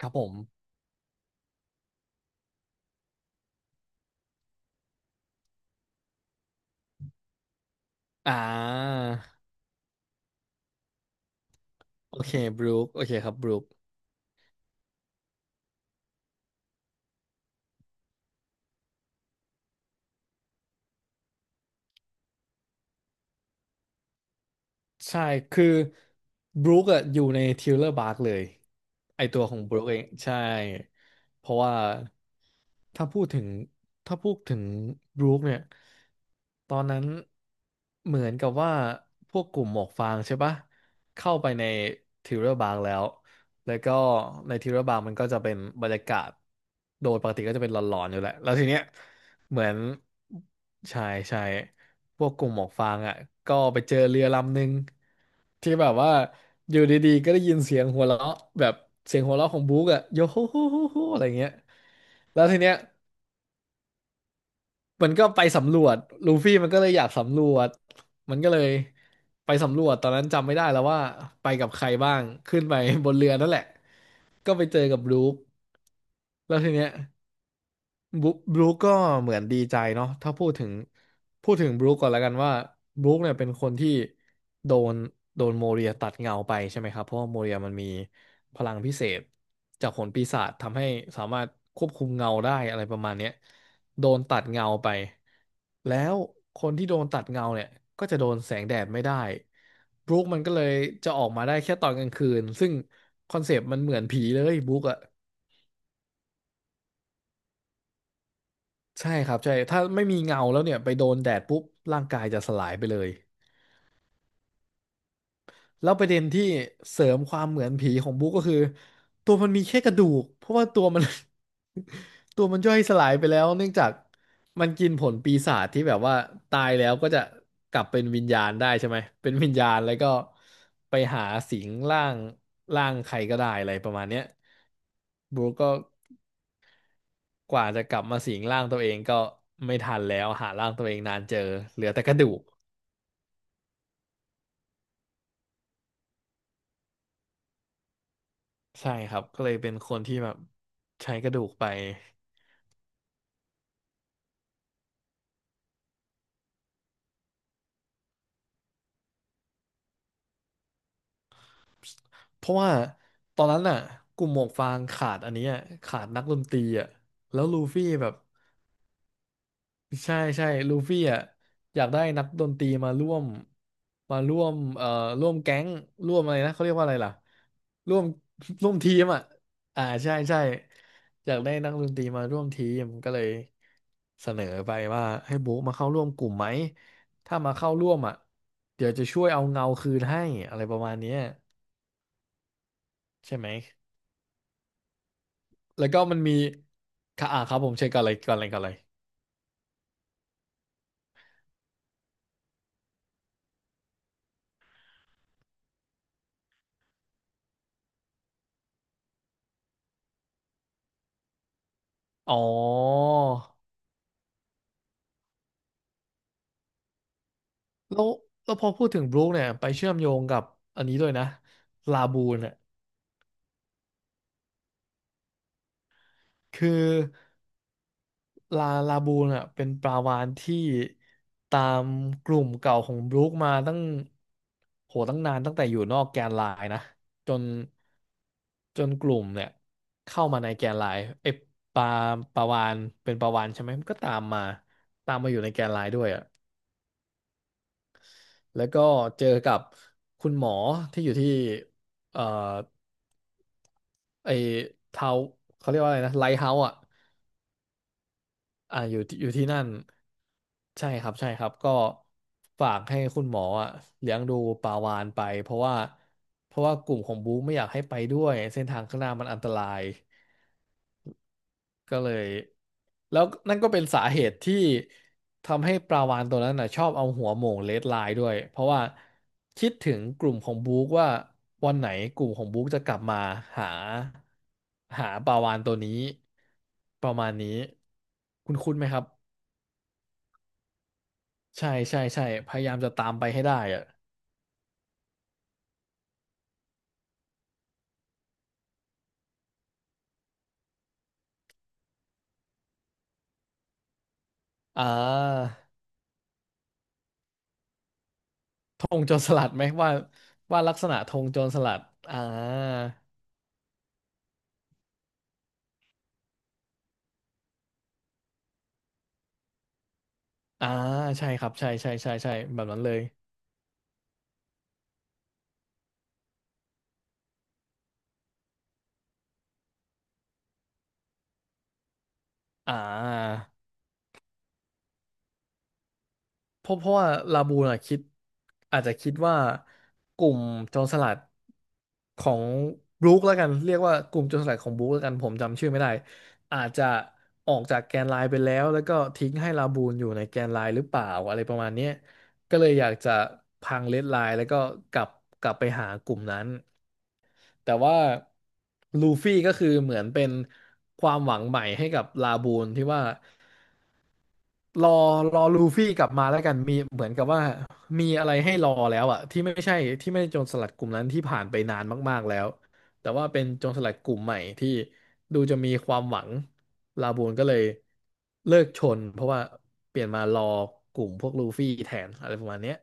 ครับผม อ่า โอเค บรูคโอเคครับบรูคใช่ คือ บรูคอะอยู่ในทิวเลอร์บาร์กเลย ไอตัวของบรูคเอง ใช่ เพราะว่า ถ้าพูดถึง ถ้าพูดถึงบรูคเนี่ย ตอนนั้นเหมือนกับว่าพวกกลุ่มหมวกฟางใช่ปะเข้าไปในทิวเรอร์บางแล้วแล้วก็ในทิวเรอร์บางมันก็จะเป็นบรรยากาศโดยปกติก็จะเป็นหลอนๆอยู่แหละแล้วทีเนี้ยเหมือนใช่ใช่พวกกลุ่มหมวกฟางอ่ะก็ไปเจอเรือลำหนึ่งที่แบบว่าอยู่ดีๆก็ได้ยินเสียงหัวเราะแบบเสียงหัวเราะของบุ๊กอ่ะโยโฮโฮโฮโฮอะไรเงี้ยแล้วทีเนี้ย มันก็ไปสำรวจลูฟี่มันก็เลยอยากสำรวจมันก็เลยไปสำรวจตอนนั้นจำไม่ได้แล้วว่าไปกับใครบ้างขึ้นไปบนเรือนั่นแหละก็ไปเจอกับบรู๊คแล้วทีเนี้ย บรูบรูคก็เหมือนดีใจเนาะถ้าพูดถึงบรูคก่อนแล้วกันว่าบรูคเนี่ยเป็นคนที่โดนโดนโมเรียตัดเงาไปใช่ไหมครับเพราะว่าโมเรียมันมีพลังพิเศษจากผลปีศาจทำให้สามารถควบคุมเงาได้อะไรประมาณเนี้ยโดนตัดเงาไปแล้วคนที่โดนตัดเงาเนี่ยก็จะโดนแสงแดดไม่ได้บรูคมันก็เลยจะออกมาได้แค่ตอนกลางคืนซึ่งคอนเซปต์มันเหมือนผีเลยบรูคอะ ใช่ครับใช่ถ้าไม่มีเงาแล้วเนี่ยไปโดนแดดปุ๊บร่างกายจะสลายไปเลยแล้วประเด็นที่เสริมความเหมือนผีของบุ๊กก็คือตัวมันมีแค่กระดูกเพราะว่าตัวมัน ตัวมันย่อยสลายไปแล้วเนื่องจากมันกินผลปีศาจที่แบบว่าตายแล้วก็จะกลับเป็นวิญญาณได้ใช่ไหมเป็นวิญญาณแล้วก็ไปหาสิงร่างร่างใครก็ได้อะไรประมาณเนี้ยบุ๊กก็ กว่าจะกลับมาสิงร่างตัวเองก็ไม่ทันแล้วหาร่างตัวเองนานเจอเหลือแต่กระดูกใช่ครับก็เลยเป็นคนที่แบบใช้กระดูกไปเพราะว่าตอนนั้นน่ะกลุ่มหมวกฟางขาดอันเนี้ยขาดนักดนตรีอ่ะแล้วลูฟี่แบบ ใช่ใช่ลูฟี่อ่ะอยากได้นักดนตรีมาร่วมมาร่วมเอ่อร่วมแก๊งร่วมอะไรนะเขาเรียกว่าอะไรล่ะร่วม ร่วมทีมอ่ะอ่าใช่ใช่อยากได้นักดนตรีมาร่วมทีมก็เลยเสนอไปว่าให้บุ๊กมาเข้าร่วมกลุ่มไหมถ้ามาเข้าร่วมอ่ะเดี๋ยวจะช่วยเอาเงาคืนให้อะไรประมาณเนี้ยใช่ไหมแล้วก็มันมีค่ะอ่าครับผมเช็คก่อนเลยอ๋อ แล้วแล้วพอพูดถึงบรูคเนี่ยไปเชื่อมโยงกับอันนี้ด้วยนะลาบูนอ่ะคือลาบูนอ่ะเป็นปลาวาฬที่ตามกลุ่มเก่าของบรูคมาตั้งโหตั้งนานตั้งแต่อยู่นอกแกนไลน์นะจนจนกลุ่มเนี่ยเข้ามาในแกนไลน์ไอ้ปลาปลาวาฬเป็นปลาวาฬใช่ไหมมันก็ตามมาตามมาอยู่ในแกนไลน์ด้วยอ่ะ แล้วก็เจอกับคุณหมอที่อยู่ที่เอ่อไอ้ทาวเขาเรียกว่าอะไรนะไลท์เฮาส์อ่ะอ่าอยู่ที่อยู่ที่นั่นใช่ครับใช่ครับก็ฝากให้คุณหมออ่ะเลี้ยงดูปาวานไปเพราะว่ากลุ่มของบู๊ไม่อยากให้ไปด้วยเส้นทางข้างหน้ามันอันตราย ก็เลยแล้วนั่นก็เป็นสาเหตุที่ทำให้ปลาวาฬตัวนั้นนะชอบเอาหัวโหม่งเลดไลน์ด้วยเพราะว่าคิดถึงกลุ่มของบุ๊กว่าวันไหนกลุ่มของบุ๊กจะกลับมาหาหาปลาวาฬตัวนี้ประมาณนี้คุณคุ้นๆไหมครับใช่ใช่ใช่พยายามจะตามไปให้ได้อะอ่าธงโจรสลัดไหมว่าว่าลักษณะธงโจรสลัดอ่าอ่าใช่ครับใช่ใช่ใช่ใช่แบบนั้นเลยอ่า เพราะว่าลาบูนอะคิดอาจจะคิดว่ากลุ่มโจรสลัดของบรูคแล้วกันเรียกว่ากลุ่มโจรสลัดของบรูคแล้วกันผมจำชื่อไม่ได้อาจจะออกจากแกนไลน์ไปแล้วแล้วก็ทิ้งให้ลาบูนอยู่ในแกนไลน์หรือเปล่าอะไรประมาณเนี้ยก็เลยอยากจะพังเลดไลน์แล้วก็กลับกลับไปหากลุ่มนั้นแต่ว่าลูฟี่ก็คือเหมือนเป็นความหวังใหม่ให้กับลาบูนที่ว่า รอรอลูฟี่กลับมาแล้วกันมีเหมือนกับว่ามีอะไรให้รอแล้วอะที่ไม่ใช่โจรสลัดกลุ่มนั้นที่ผ่านไปนานมากๆแล้วแต่ว่าเป็นโจรสลัดกลุ่มใหม่ที่ดูจะมีความหวังลาบูนก็เลยเลิกชนเพราะว่าเปลี่ยนมารอกลุ่มพวกลูฟี่แทนอะไรประมาณเนี้ย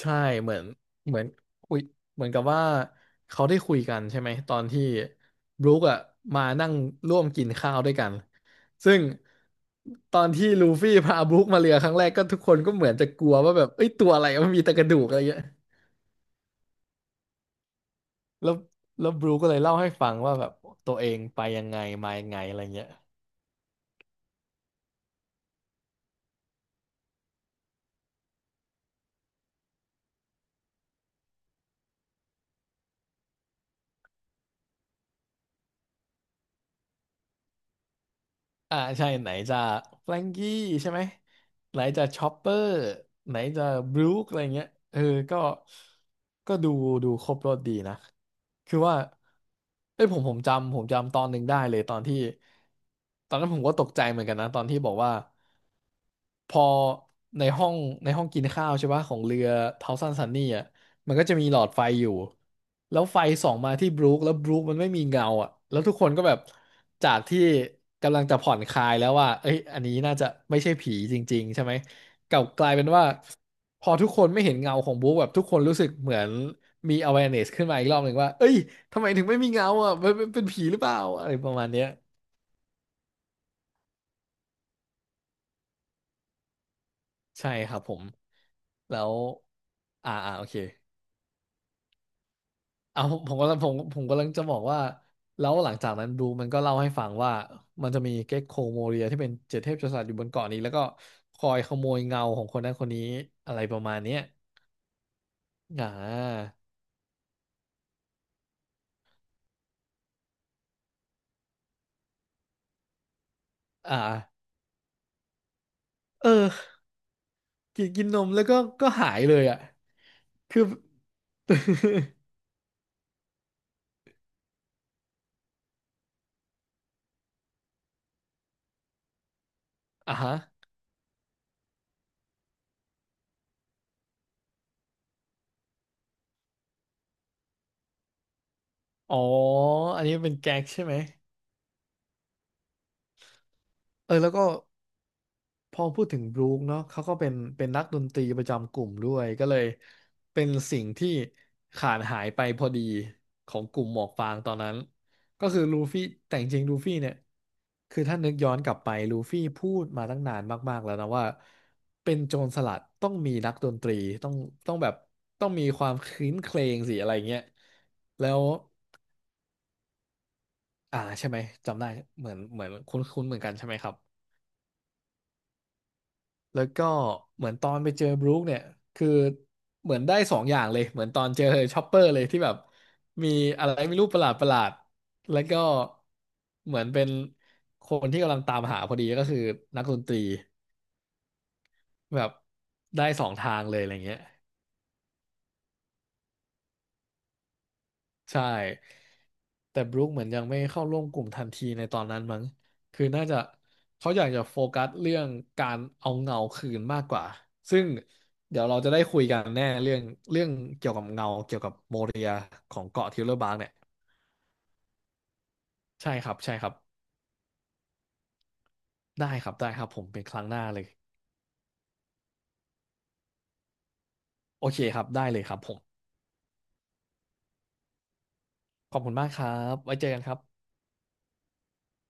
ใช่เหมือนเหมือนคุยเหมือนกับว่าเขาได้คุยกันใช่ไหมตอนที่บรู๊คอะมานั่งร่วมกินข้าวด้วยกันซึ่งตอนที่ลูฟี่พาบรู๊คมาเรือครั้งแรกก็ทุกคนก็เหมือนจะกลัวว่าแบบเอ้ยตัวอะไรมันมีแต่กระดูกอะไรเงี้ยแล้วแล้วบรู๊คก็เลยเล่าให้ฟังว่าแบบตัวเองไปยังไงมายังไงอะไรเงี้ย อ่าใช่ไหนจะแฟรงกี้ใช่ไหมไหนจะชอปเปอร์ไหนจะบรู๊คอะไรเงี้ยเออก็ก็ดูครบรสดีนะคือว่าเอ้ยผมจำตอนหนึ่งได้เลยตอนที่ตอนนั้นผมก็ตกใจเหมือนกันนะตอนที่บอกว่า พอในห้องในห้องกินข้าวใช่ปะของเรือเทาซันซันนี่อ่ะมันก็จะมีหลอดไฟอยู่แล้วไฟส่องมาที่บรูคแล้วบรูคมันไม่มีเงาอ่ะแล้วทุกคนก็แบบจากที่กำลังจะผ่อนคลายแล้วว่าเอ้ยอันนี้น่าจะไม่ใช่ผีจริงๆใช่ไหมกลับกลายเป็นว่าพอทุกคนไม่เห็นเงาของบรูคแบบทุกคนรู้สึกเหมือนมี awareness ขึ้นมาอีกรอบหนึ่งว่าเอ้ยทำไมถึงไม่มีเงาอ่ะมันมันเป็นผีหรือเปล่าอะไรประมาณเนี้ยใช่ครับผมแล้วโอเค เอาผมผมกำลังผมผมกำลังจะบอกว่าแล้วหลังจากนั้นดูมันก็เล่าให้ฟังว่ามันจะมีเก็กโคโมเรียที่เป็นเจ็ดเทพกษัตริย์อยู่บนเกาะนี้แล้วก็คอยขโมยเงาของคนนั้นคนนี้อะไรประมาณเนี้ยอ่าอ่าเออ กินกินนมแล้วก็ก็หายเลยอ่ะ คือ อ่าฮะอ๋ออันนี้เป็นแก๊กใช่ไหมเออแล้วก็ พอพูดถึงบรู๊คเนาะเขาก็เป็นนักดนตรีประจำกลุ่มด้วยก็เลยเป็นสิ่งที่ขาดหายไปพอดีของกลุ่มหมวกฟางตอนนั้นก็คือลูฟี่แต่จริงๆลูฟี่เนี่ยคือถ้านึกย้อนกลับไปลูฟี่พูดมาตั้งนานมากๆแล้วนะว่าเป็นโจรสลัดต้องมีนักดนตรีต้องต้องแบบต้องมีความครื้นเครงสิอะไรเงี้ยแล้วอ่าใช่ไหมจำได้เหมือนคุ้นๆเหมือนกันใช่ไหมครับ แล้วก็เหมือนตอนไปเจอบรู๊คเนี่ยคือเหมือนได้สองอย่างเลยเหมือนตอนเจอชอปเปอร์เลยที่แบบมีอะไรไม่รู้ประหลาดประหลาดแล้วก็เหมือนเป็นคนที่กำลังตามหาพอดีก็คือนักดนตรีแบบได้สองทางเลยอะไรเงี้ย ใช่แต่บรูคเหมือนยังไม่เข้าร่วมกลุ่มทันทีในตอนนั้นมั้งคือน่าจะเขาอยากจะโฟกัสเรื่องการเอาเงาคืนมากกว่าซึ่งเดี๋ยวเราจะได้คุยกันแน่เรื่องเกี่ยวกับเงาเกี่ยวกับโมเรียของเกาะทิวเลอร์บาร์กเนี่ยใช่ครับใช่ครับได้ครับได้ครับผมเป็นครั้งหน้าเลยโอเคครับได้เลยครับผมขอบคุณมากครับไว้เจอกันครับ